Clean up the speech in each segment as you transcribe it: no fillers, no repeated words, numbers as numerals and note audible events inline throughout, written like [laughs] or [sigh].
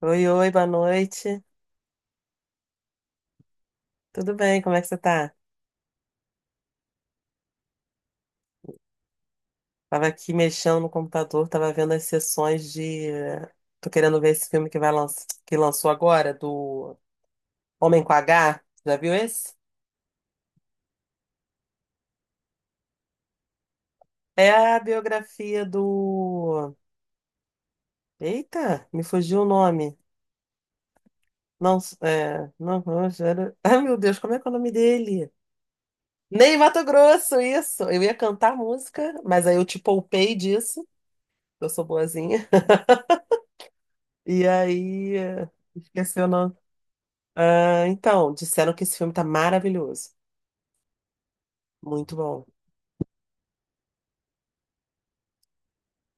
Oi, oi, boa noite. Tudo bem? Como é que você tá? Tava aqui mexendo no computador, tava vendo as sessões de. Tô querendo ver esse filme que vai lançar, que lançou agora, do Homem com H. Já viu esse? É a biografia do. Eita, me fugiu o nome. Não, é. Não, era- [laughs] Ai, meu Deus, como é que é o nome dele? Ney Matogrosso, isso. Eu ia cantar música, mas aí eu te poupei disso. Eu sou boazinha. E aí. Esqueci o nome. Ah, então, disseram que esse filme tá maravilhoso. Muito bom.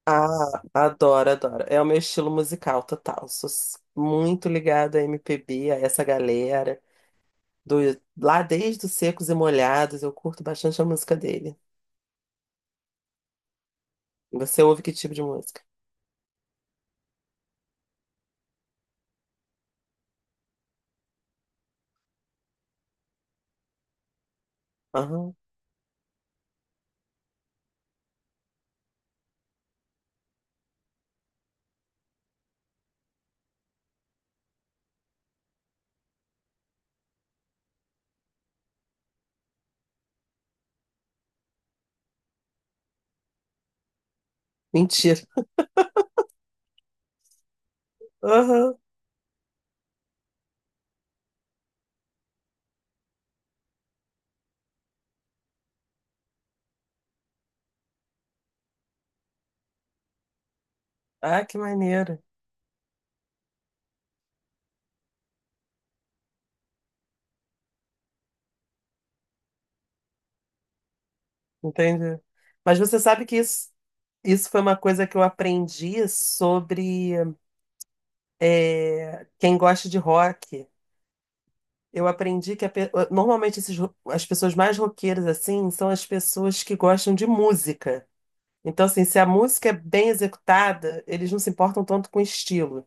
Ah, adoro, adoro. É o meu estilo musical total. Muito ligada a MPB, a essa galera. Do, lá desde os Secos e Molhados, eu curto bastante a música dele. Você ouve que tipo de música? Aham. Mentira. Aham. Ah, que maneiro. Entendi. Mas você sabe que isso foi uma coisa que eu aprendi sobre quem gosta de rock. Eu aprendi que normalmente as pessoas mais roqueiras assim são as pessoas que gostam de música. Então, assim, se a música é bem executada, eles não se importam tanto com o estilo.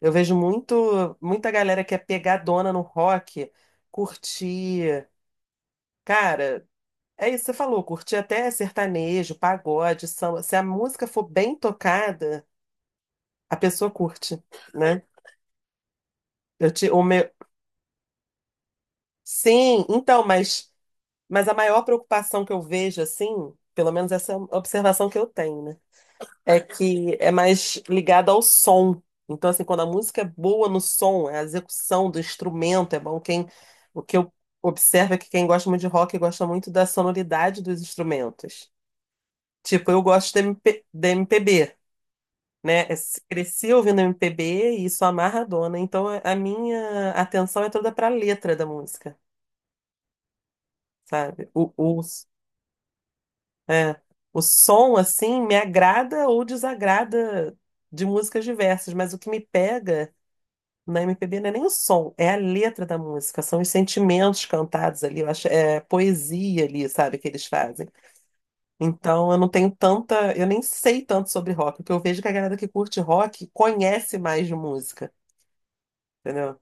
Eu vejo muito, muita galera que é pegadona no rock, curtir. Cara, é isso que você falou, curtir até sertanejo, pagode, samba. Se a música for bem tocada, a pessoa curte, né? Eu te, o meu... Sim, então, mas. Mas a maior preocupação que eu vejo, assim, pelo menos essa é a observação que eu tenho, né? É que é mais ligado ao som. Então, assim, quando a música é boa no som, a execução do instrumento é bom. Quem, o que eu observo é que quem gosta muito de rock gosta muito da sonoridade dos instrumentos. Tipo, eu gosto de, MPB, né? Eu cresci ouvindo MPB e isso amarra a dona. Então, a minha atenção é toda para a letra da música, sabe? O é, o som, assim, me agrada ou desagrada de músicas diversas, mas o que me pega na MPB não é nem o som, é a letra da música, são os sentimentos cantados ali, eu acho, é poesia ali, sabe, que eles fazem. Então, eu não tenho tanta, eu nem sei tanto sobre rock, porque eu vejo que a galera que curte rock conhece mais de música, entendeu?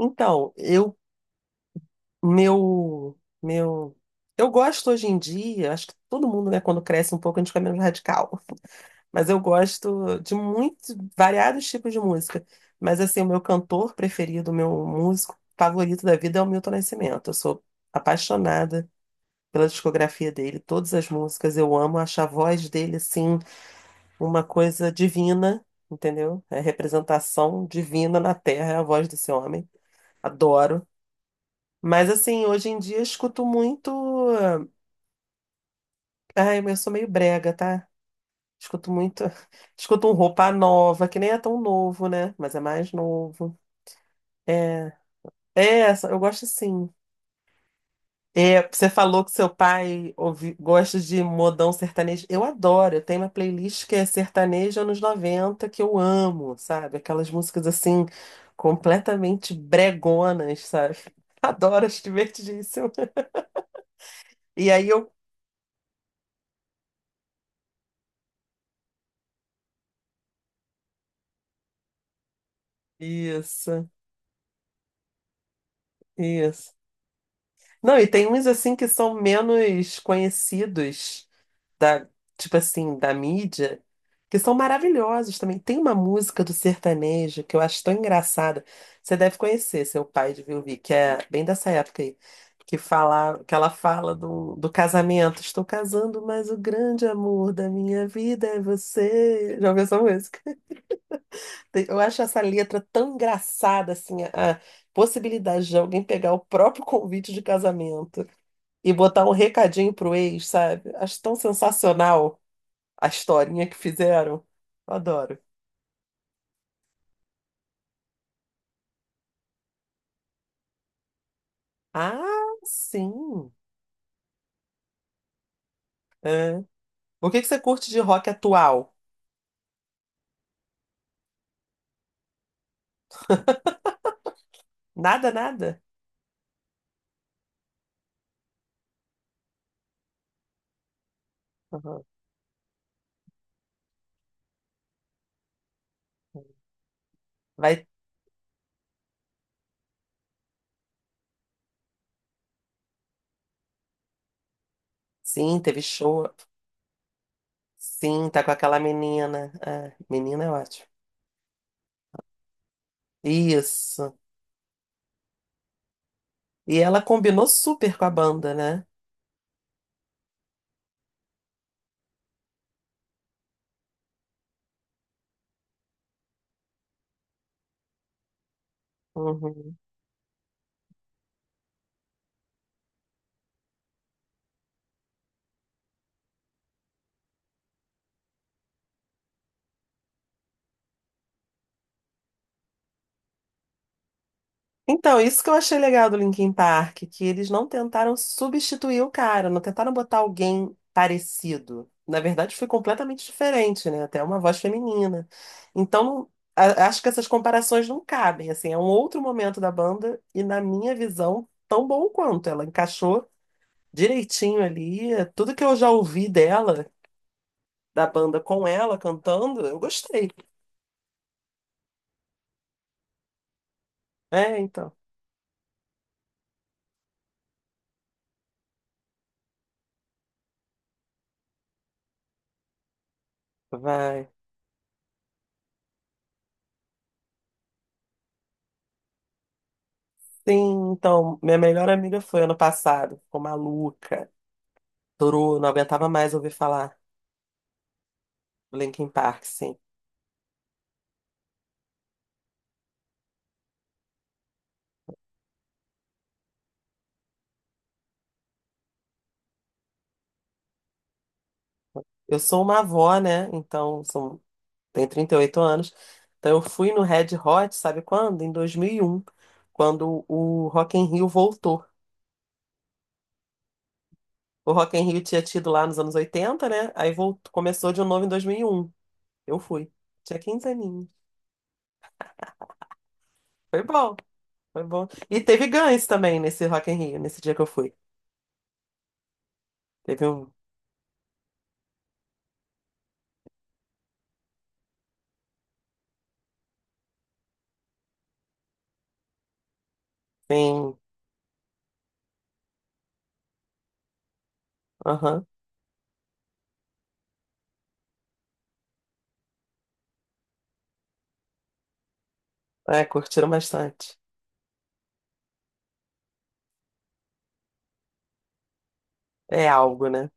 Então, meu, meu, eu gosto hoje em dia, acho que todo mundo, né, quando cresce um pouco, a gente fica menos radical. Mas eu gosto de muitos, variados tipos de música. Mas assim, o meu cantor preferido, o meu músico favorito da vida é o Milton Nascimento. Eu sou apaixonada pela discografia dele, todas as músicas eu amo, acho a voz dele assim uma coisa divina, entendeu? É representação divina na Terra, é a voz desse homem. Adoro. Mas assim, hoje em dia eu escuto muito, ai, eu sou meio brega, tá? Escuto muito. [laughs] Escuto um Roupa Nova, que nem é tão novo, né? Mas é mais novo. É, é essa, eu gosto assim. É, você falou que seu pai ouvi, gosta de modão sertanejo. Eu adoro, eu tenho uma playlist que é sertanejo anos 90 que eu amo, sabe? Aquelas músicas assim, completamente bregonas, sabe? [laughs] Adoro, acho divertidíssimo. E aí eu. Isso, isso. Não, e tem uns assim que são menos conhecidos da, tipo assim, da mídia, que são maravilhosos também. Tem uma música do sertanejo que eu acho tão engraçada. Você deve conhecer, seu pai de ouvir, que é bem dessa época aí, que fala, que ela fala do, do casamento. Estou casando, mas o grande amor da minha vida é você. Já ouviu essa música? Tem- eu acho essa letra tão engraçada, assim, a possibilidade de alguém pegar o próprio convite de casamento e botar um recadinho pro ex, sabe? Acho tão sensacional. A historinha que fizeram. Eu adoro. Ah, sim. É. O que que você curte de rock atual? Nada, nada? Aham. Vai. Sim, teve show. Sim, tá com aquela menina. Ah, menina é ótimo. Isso. E ela combinou super com a banda, né? Uhum. Então, isso que eu achei legal do Linkin Park, que eles não tentaram substituir o cara, não tentaram botar alguém parecido. Na verdade, foi completamente diferente, né? Até uma voz feminina. Então, acho que essas comparações não cabem, assim, é um outro momento da banda e, na minha visão, tão bom quanto. Ela encaixou direitinho ali, tudo que eu já ouvi dela, da banda com ela cantando, eu gostei. É, então, vai. Sim, então, minha melhor amiga foi ano passado, ficou maluca, durou, não aguentava mais ouvir falar do Linkin Park, sim. Eu sou uma avó, né? Então, são, tenho 38 anos. Então, eu fui no Red Hot, sabe quando? Em 2001, quando o Rock in Rio voltou. O Rock in Rio tinha tido lá nos anos 80, né? Aí voltou, começou de novo em 2001. Eu fui. Tinha 15 aninhos. Foi bom, foi bom. E teve Guns também nesse Rock in Rio, nesse dia que eu fui. Teve um... Tem... É, curtiram bastante. É algo, né?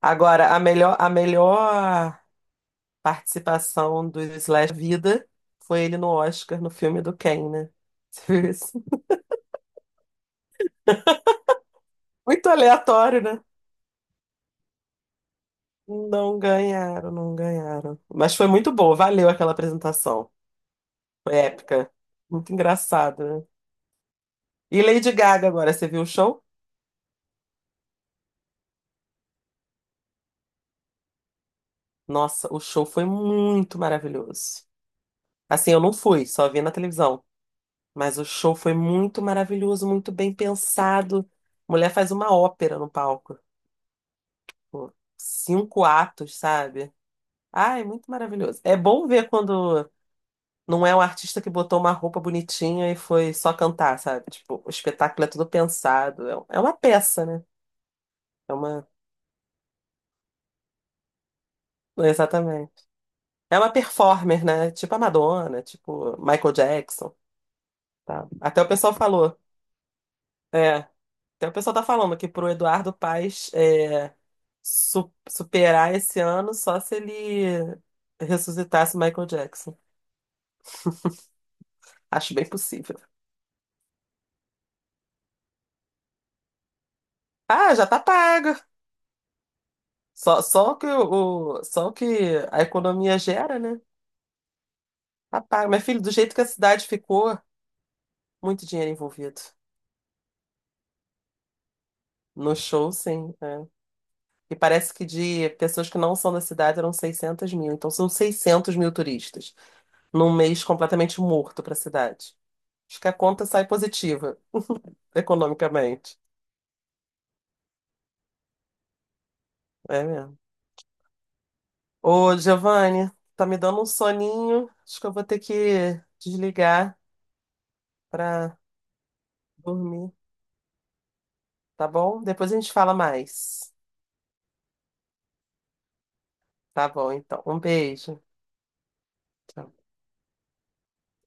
Agora, a melhor participação do Slash Vida foi ele no Oscar, no filme do Ken, né? [laughs] Você viu isso? Muito aleatório, né? Não ganharam, não ganharam. Mas foi muito boa, valeu aquela apresentação. Foi épica. Muito engraçado, né? E Lady Gaga agora, você viu o show? Nossa, o show foi muito maravilhoso. Assim, eu não fui, só vi na televisão. Mas o show foi muito maravilhoso, muito bem pensado. Mulher faz uma ópera no palco, tipo, 5 atos, sabe? Ah, é muito maravilhoso. É bom ver quando não é um artista que botou uma roupa bonitinha e foi só cantar, sabe? Tipo, o espetáculo é tudo pensado. É uma peça, né? É uma. Exatamente. É uma performer, né? Tipo a Madonna, tipo Michael Jackson, tá? Até o pessoal falou. É. Até o pessoal tá falando que pro Eduardo Paes superar esse ano só se ele ressuscitasse Michael Jackson. Acho bem possível. Ah, já tá pago. Só o que a economia gera, né? Tá paga. Mas, filho, do jeito que a cidade ficou, muito dinheiro envolvido. No show, sim. É. E parece que de pessoas que não são da cidade eram 600 mil. Então são 600 mil turistas num mês completamente morto para a cidade. Acho que a conta sai positiva economicamente. É mesmo. Ô, Giovanni, tá me dando um soninho. Acho que eu vou ter que desligar pra dormir, tá bom? Depois a gente fala mais. Tá bom, então. Um beijo. Tchau.